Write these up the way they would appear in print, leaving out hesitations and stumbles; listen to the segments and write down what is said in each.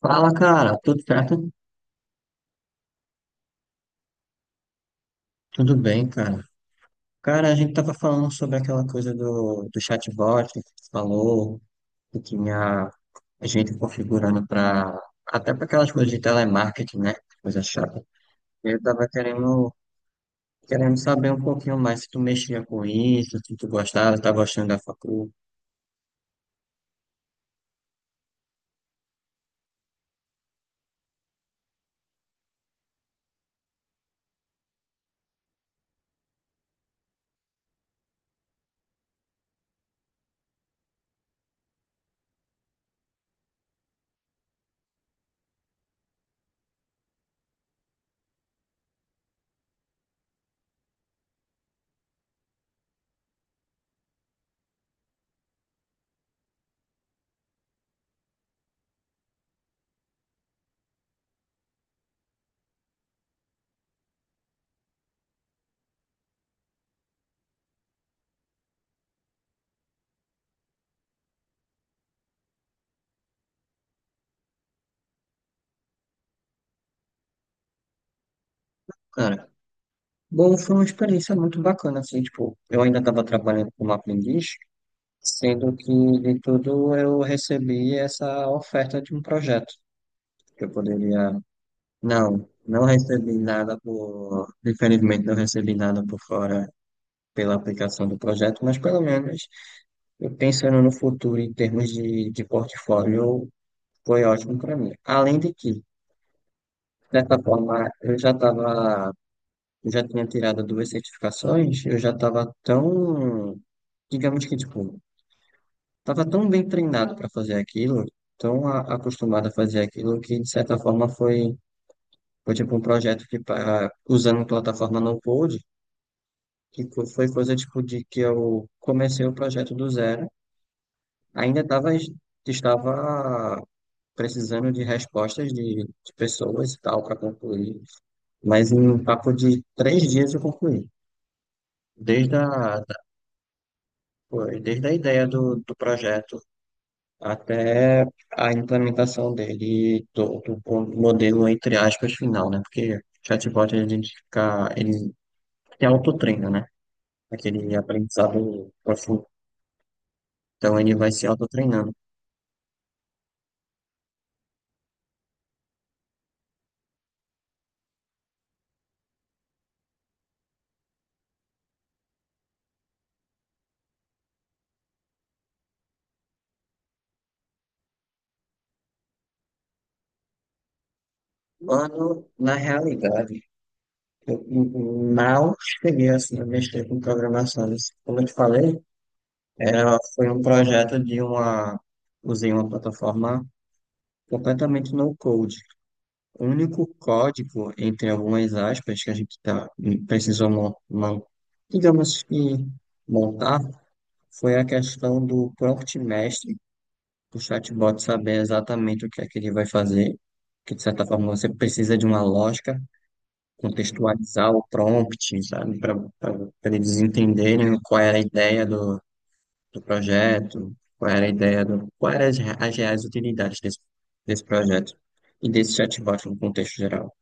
Fala, cara, tudo certo? Tudo bem, cara. Cara, a gente tava falando sobre aquela coisa do chatbot que tu falou, que tinha a gente configurando para até para aquelas coisas de telemarketing, né? Coisa chata. Eu tava querendo saber um pouquinho mais se tu mexia com isso, se tu gostava, tá gostando da facul. Cara, bom, foi uma experiência muito bacana, assim, tipo, eu ainda tava trabalhando como aprendiz, sendo que de tudo eu recebi essa oferta de um projeto que eu poderia. Não, não recebi nada por. Infelizmente, não recebi nada por fora pela aplicação do projeto, mas pelo menos eu pensando no futuro em termos de portfólio, foi ótimo para mim. Além de que, de certa forma, eu já estava. Eu já tinha tirado duas certificações, eu já estava tão. Digamos que, tipo, estava tão bem treinado para fazer aquilo, tão acostumado a fazer aquilo, que de certa forma foi. Foi tipo um projeto que para usando plataforma no Code, que foi coisa tipo de que eu comecei o projeto do zero. Ainda estava precisando de respostas de pessoas e tal para concluir, mas em um papo de 3 dias eu concluí. Desde a, da- Foi desde a ideia do projeto até a implementação dele, do modelo, entre aspas, final, né? Porque chatbot, a gente fica, ele tem autotreino, né? Aquele aprendizado profundo. Então ele vai se autotreinando. Quando, na realidade, eu mal cheguei assim, a mexer com programação. Como eu te falei, foi um projeto de usei uma plataforma completamente no code. O único código, entre algumas aspas, que a gente tá, precisou, digamos que, montar, foi a questão do prompt mestre o chatbot saber exatamente o que é que ele vai fazer, que de certa forma você precisa de uma lógica, contextualizar o prompt, sabe, para eles entenderem qual era a ideia do projeto, qual era a ideia do, qual eram as reais utilidades desse projeto e desse chatbot no contexto geral.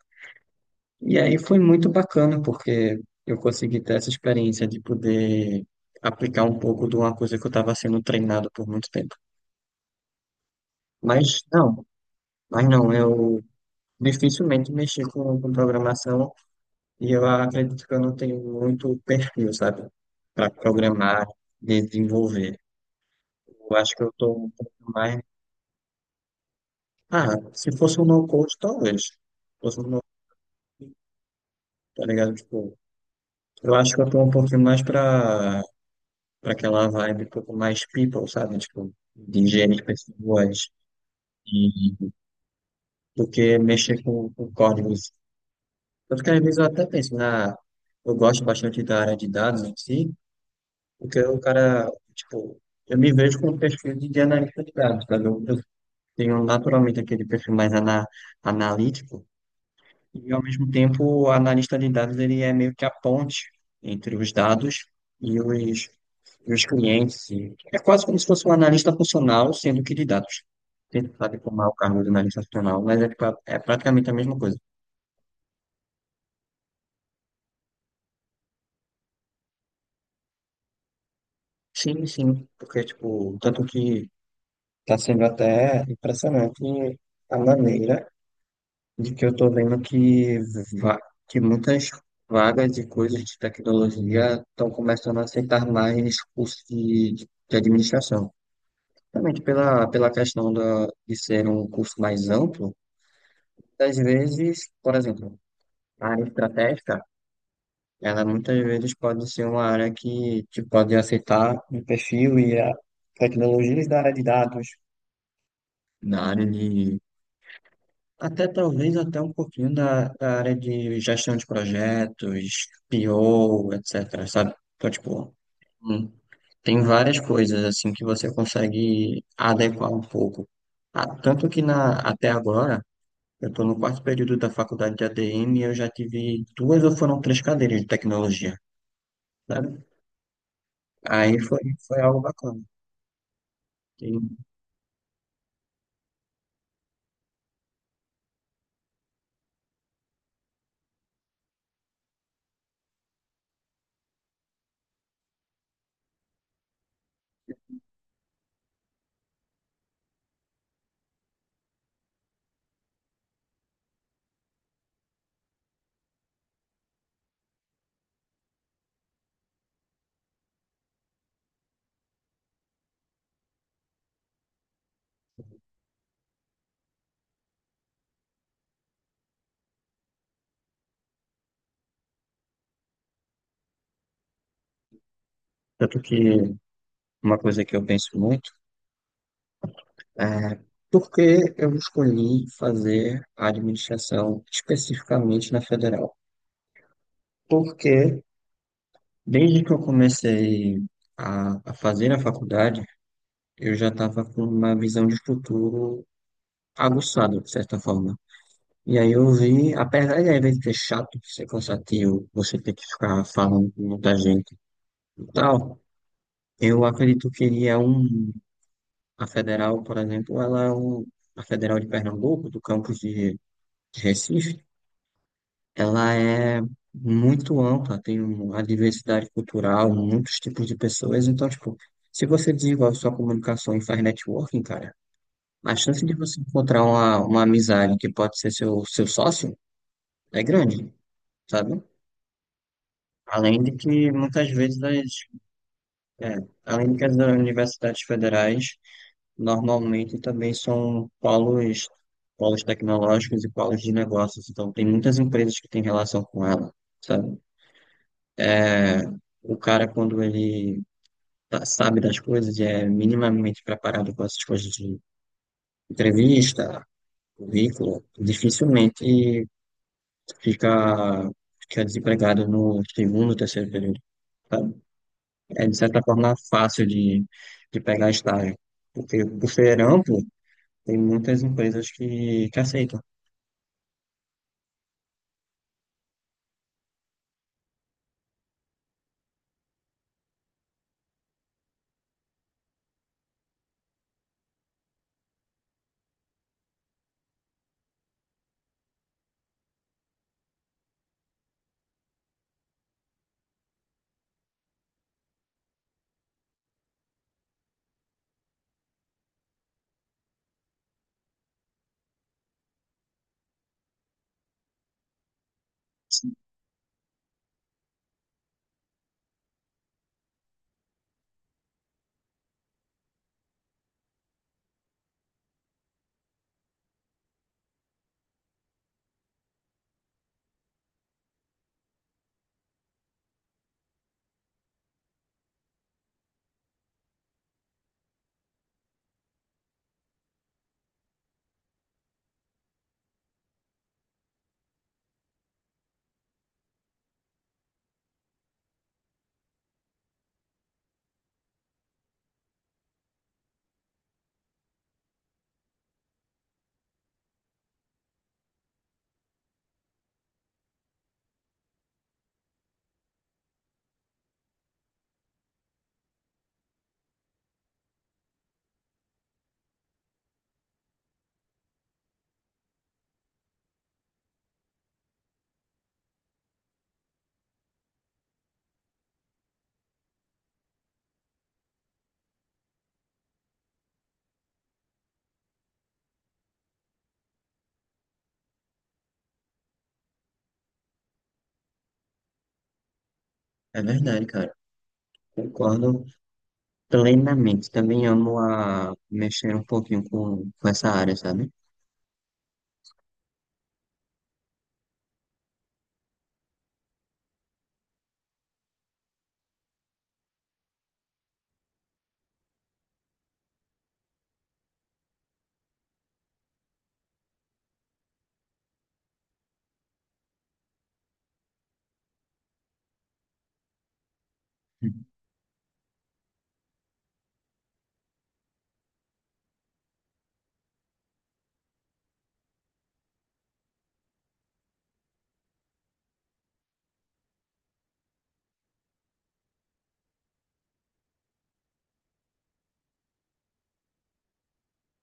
E aí foi muito bacana, porque eu consegui ter essa experiência de poder aplicar um pouco de uma coisa que eu estava sendo treinado por muito tempo. Mas não, mas não, eu dificilmente mexi com programação e eu acredito que eu não tenho muito perfil, sabe? Para programar, desenvolver. Eu acho que eu tô um pouco mais. Ah, se fosse um no-code, talvez. Se fosse um no tá ligado? Tipo, eu acho que eu tô um pouquinho mais para aquela vibe um pouco mais people, sabe? Tipo, de gerir pessoas e do que mexer com códigos. Tanto que às vezes eu até penso na. Eu gosto bastante da área de dados em si. Porque o cara, tipo, eu me vejo com um perfil de analista de dados, sabe? Eu tenho naturalmente aquele perfil mais analítico, e ao mesmo tempo o analista de dados ele é meio que a ponte entre os dados e os, e os clientes. E é quase como se fosse um analista funcional, sendo que de dados. Você sabe como é o cargo de analista funcional, mas é, pra- é praticamente a mesma coisa. Sim, sim, porque, tipo, tanto que está sendo até impressionante a maneira de que eu tô vendo va- que muitas vagas de coisas de tecnologia estão começando a aceitar mais cursos de administração. Realmente pela questão de ser um curso mais amplo, às vezes, por exemplo, a área estratégica, ela muitas vezes pode ser uma área que te pode aceitar um perfil e a tecnologias da área de dados, na área de Até talvez até um pouquinho da área de gestão de projetos, PO, etc, sabe? Então, tipo, hum, tem várias coisas assim que você consegue adequar um pouco. Ah, tanto que na, até agora, eu estou no quarto período da faculdade de ADM e eu já tive duas ou foram três cadeiras de tecnologia, sabe? Aí foi, foi algo bacana. E tanto que uma coisa que eu penso muito é, por que eu escolhi fazer a administração especificamente na federal? Porque desde que eu comecei a fazer a faculdade, eu já estava com uma visão de futuro aguçada, de certa forma. E aí eu vi, apesar de às vezes ser chato, ser cansativo, você ter que ficar falando com muita gente e tal, eu acredito que ele é um. A federal, por exemplo, ela é um, a federal de Pernambuco, do campus de. De Recife, ela é muito ampla, tem uma diversidade cultural, muitos tipos de pessoas. Então, tipo, se você desenvolve sua comunicação e faz networking, cara, a chance de você encontrar uma amizade que pode ser seu sócio é grande, sabe? Além de que muitas vezes, as, é, além de que as universidades federais normalmente também são polos tecnológicos e polos de negócios, então tem muitas empresas que têm relação com ela, sabe? O cara, quando ele tá- sabe das coisas, é minimamente preparado com essas coisas de entrevista, currículo, dificilmente fica, fica desempregado no segundo, terceiro período. Sabe? É, de certa forma, fácil de pegar estágio. Porque por ser amplo, tem muitas empresas que aceitam. É verdade, cara. Concordo plenamente. Também amo a mexer um pouquinho com essa área, sabe? Uhum.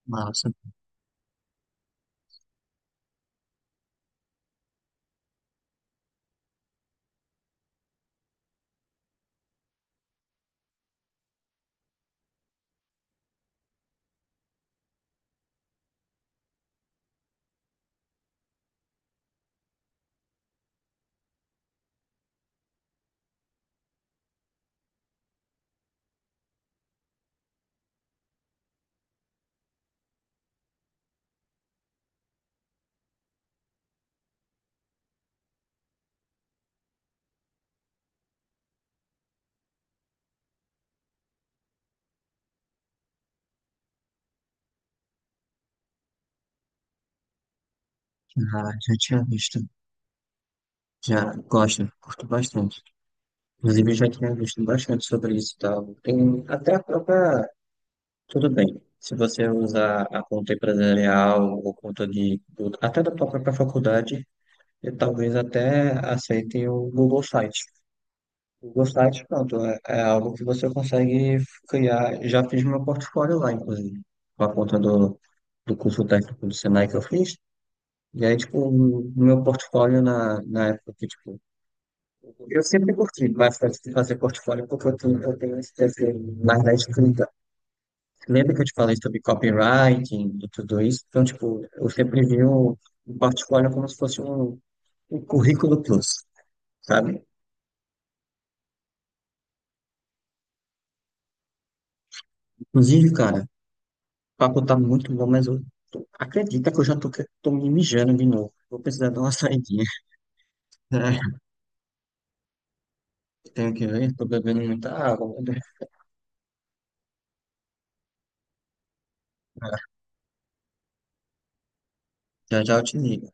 Massa. Ah, já tinha visto. Já gosto, curto bastante. Inclusive, eu já tinha visto bastante sobre isso e tal. Tem até a própria. Tudo bem. Se você usar a conta empresarial ou conta de. Do- Até da tua própria faculdade, eu talvez até aceitem o Google Site. O Google Site, pronto, é, é algo que você consegue criar. Já fiz meu portfólio lá, inclusive, com a conta do curso técnico do Senai que eu fiz. E aí, tipo, o meu portfólio na época que, tipo, eu sempre curti bastante de fazer portfólio porque eu tenho esse desejo mais da escrita. Lembra que eu te falei sobre copywriting e tudo isso? Então, tipo, eu sempre vi o portfólio como se fosse um, um currículo plus, sabe? Inclusive, cara, o papo tá muito bom, mas eu tô- acredita que eu já tô, que- tô me mijando de novo. Vou precisar dar uma saidinha. Tenho que ver, tô bebendo muita água, né? Já já eu te ligo.